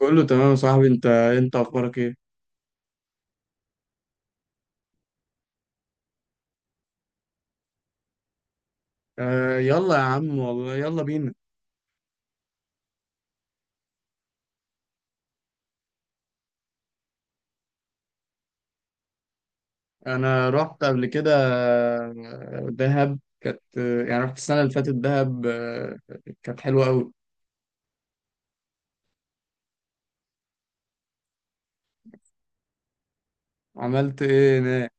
كله تمام يا صاحبي، انت اخبارك ايه؟ آه، يلا يا عم، والله يلا بينا. انا رحت قبل كده. دهب كانت، يعني رحت السنه اللي فاتت دهب، كانت حلوه قوي. عملت ايه هناك؟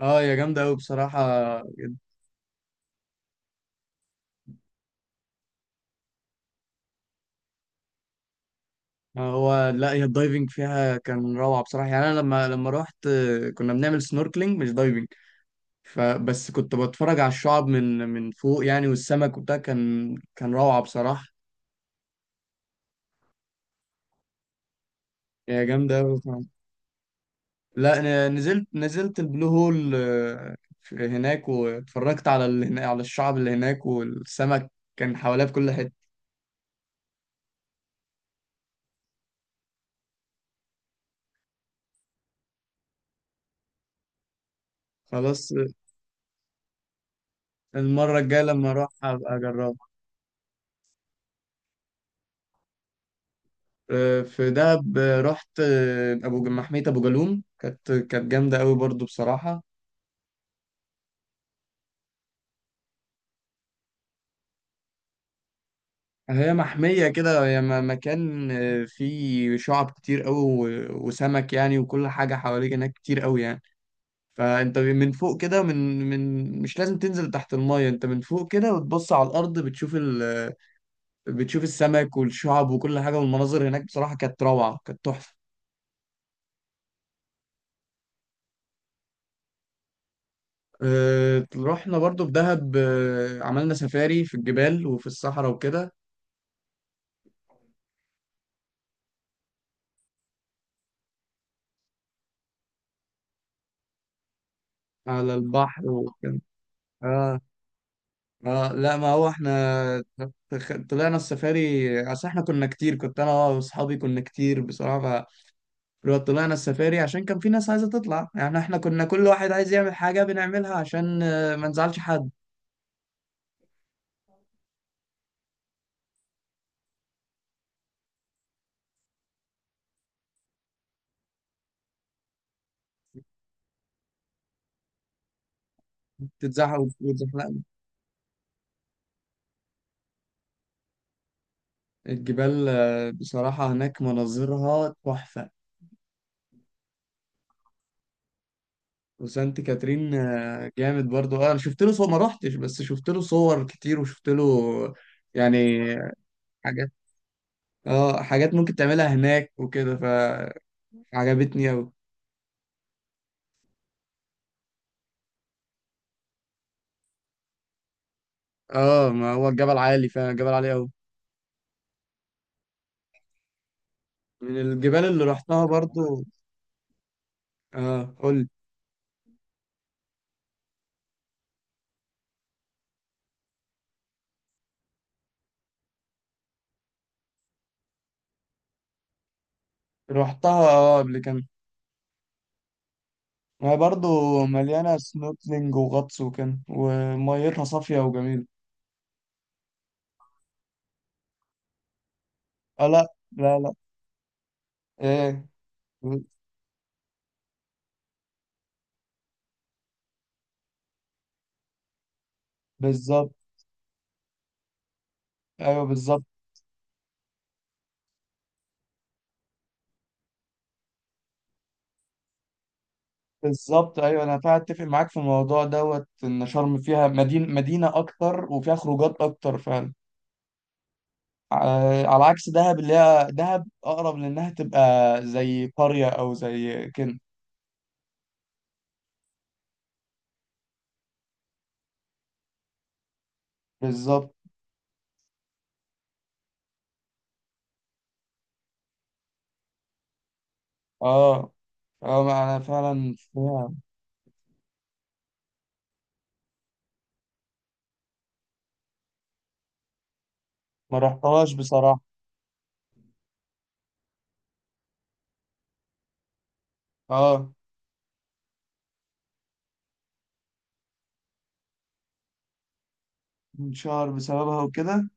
اه، يا جامده قوي بصراحه. جد. هو، لا، هي الدايفنج فيها كان روعه بصراحه. يعني انا لما رحت، كنا بنعمل سنوركلينج مش دايفنج. فبس كنت بتفرج على الشعاب من فوق يعني، والسمك وبتاع كان روعه بصراحه. هي جامده قوي. لا، انا نزلت البلو هول، هناك واتفرجت على على الشعب اللي هناك، والسمك كان حواليها بكل حته. خلاص. المره الجايه لما اروح هبقى اجربها. في دهب، رحت محميه ابو جالوم. كانت جامده قوي برضو بصراحه. هي محميه كده، هي مكان، فيه شعب كتير قوي، وسمك يعني، وكل حاجه حواليك هناك كتير قوي يعني. فانت من فوق كده، من من مش لازم تنزل تحت المية. انت من فوق كده وتبص على الارض، بتشوف بتشوف السمك والشعب وكل حاجة، والمناظر هناك بصراحة كانت روعة، كانت تحفة. رحنا برضو في دهب، عملنا سفاري في الجبال وفي الصحراء وكده. على البحر وكان. اه. اه، لا، ما هو احنا طلعنا السفاري. اصل احنا كنا كتير، كنت انا واصحابي كنا كتير بصراحة، لو طلعنا السفاري عشان كان في ناس عايزة تطلع. يعني احنا كنا كل واحد عايز يعمل حاجة بنعملها عشان ما نزعلش حد. تتزحق وتزحلقنا الجبال، بصراحة هناك مناظرها تحفة. وسانت كاترين جامد برضو. اه، انا شفت له صور، ما روحتش، بس شفت له صور كتير وشفت له يعني حاجات. اه، حاجات ممكن تعملها هناك وكده، فعجبتني اوي. اه، ما هو الجبل عالي فعلا، الجبل عالي اوي، من الجبال اللي رحتها برضو. اه، قول. روحتها قبل كده. ما هي برضه مليانة سنوركلينج وغطس وكده، وميتها صافية وجميلة. اه، لا لا لا. ايه؟ بالظبط، ايوه، بالظبط. بالظبط، ايوه، انا فعلا اتفق معاك في الموضوع دوت ان شرم فيها مدينة اكتر، وفيها خروجات اكتر فعلا. على عكس دهب، اللي هي دهب اقرب لانها تبقى زي قرية او زي كده. بالظبط. اه، اه، ما انا فعلا فيها. ما رحتهاش بصراحة. اه، انشهر بسببها وكده.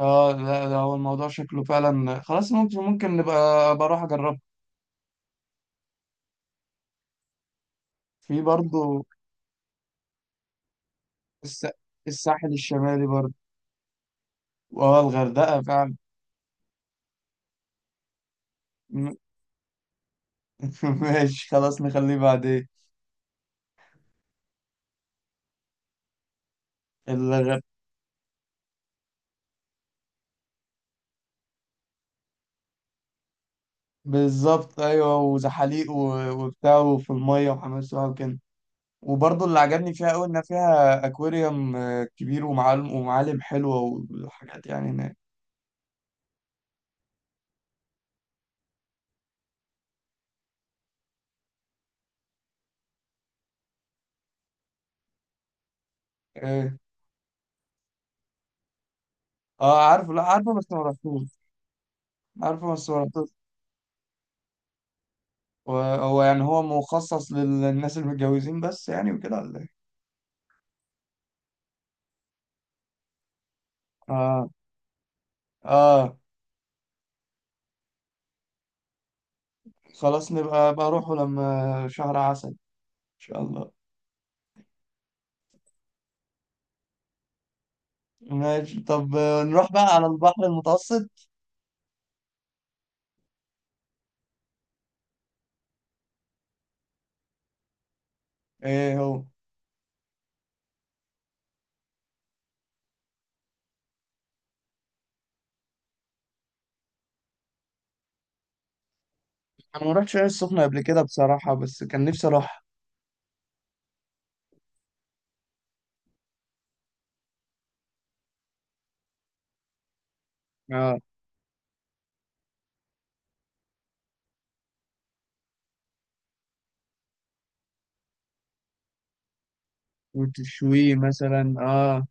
اه، لا، ده هو الموضوع شكله فعلا خلاص، ممكن نبقى بروح اجربها. في برضو الس... الساحل الشمالي برضو. اه، الغردقة فعلا. م- ماشي خلاص، نخليه بعدين. الغردقة بالظبط، ايوه، وزحاليق وبتاع، وفي المية وحمام سباحة وكده. وبرضو اللي عجبني فيها قوي انها فيها اكواريوم كبير، ومعالم حلوة وحاجات يعني هناك. اه. عارفه، لا، عارفه بس ما رحتوش. عارفه بس ما رحتوش. وهو يعني، هو مخصص للناس المتجوزين بس يعني وكده، ولا ايه؟ اه. اه، خلاص، نبقى بروحه لما شهر عسل ان شاء الله. ماشي. طب، نروح بقى على البحر المتوسط. ايه هو؟ انا ما رحتش العين السخنة قبل كده بصراحة، بس كان نفسي اروح. اه، وتشويه مثلا. اه.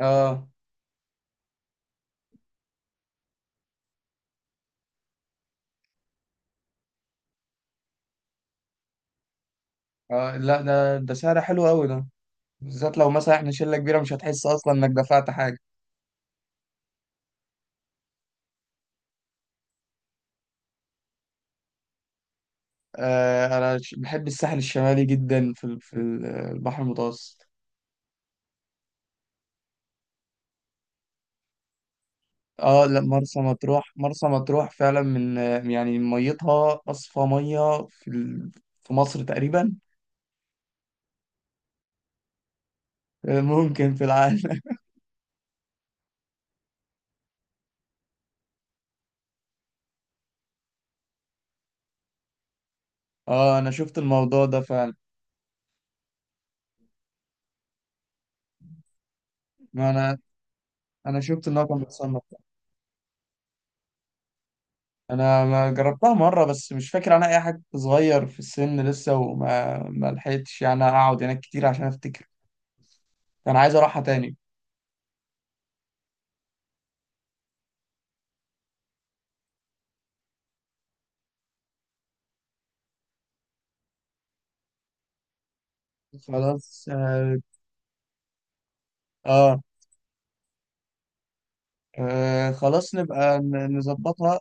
اه، اه، لا، ده سعر حلو قوي ده. بالذات لو مثلا احنا شلة كبيرة، مش هتحس اصلا انك دفعت حاجة. انا بحب الساحل الشمالي جدا في البحر المتوسط. اه، لا، مرسى مطروح، مرسى مطروح فعلا من، يعني ميتها اصفى ميه في مصر تقريبا. ممكن في العالم. اه، انا شفت الموضوع ده فعلا. ما انا، انا شفت ان هو كان بيتصنف. انا ما جربتها مره، بس مش فاكر عنها اي حاجه، كنت صغير في السن لسه، وما ما لحقتش يعني اقعد هناك كتير عشان افتكر. انا عايز اروحها تاني. خلاص، اه. آه. آه. خلاص، نبقى نظبطها.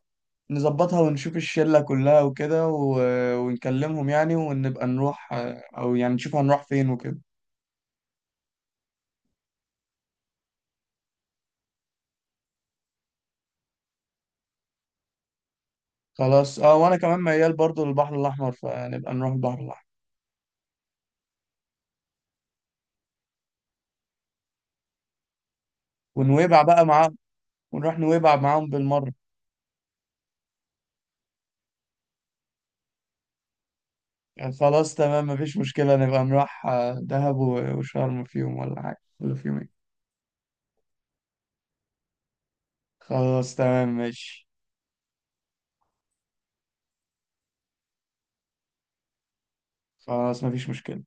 نظبطها ونشوف الشلة كلها وكده، ونكلمهم يعني، ونبقى نروح، أو يعني نشوف هنروح فين وكده. خلاص، اه، وأنا كمان ميال برضو للبحر الأحمر، فنبقى نروح البحر الأحمر. ونويبع بقى معاهم. ونروح نويبع معاهم بالمرة. يعني خلاص، تمام، مفيش مشكلة. نبقى نروح دهب وشرم في يوم ولا حاجة، ولا في يومين. خلاص، تمام، ماشي. خلاص، مفيش مشكلة.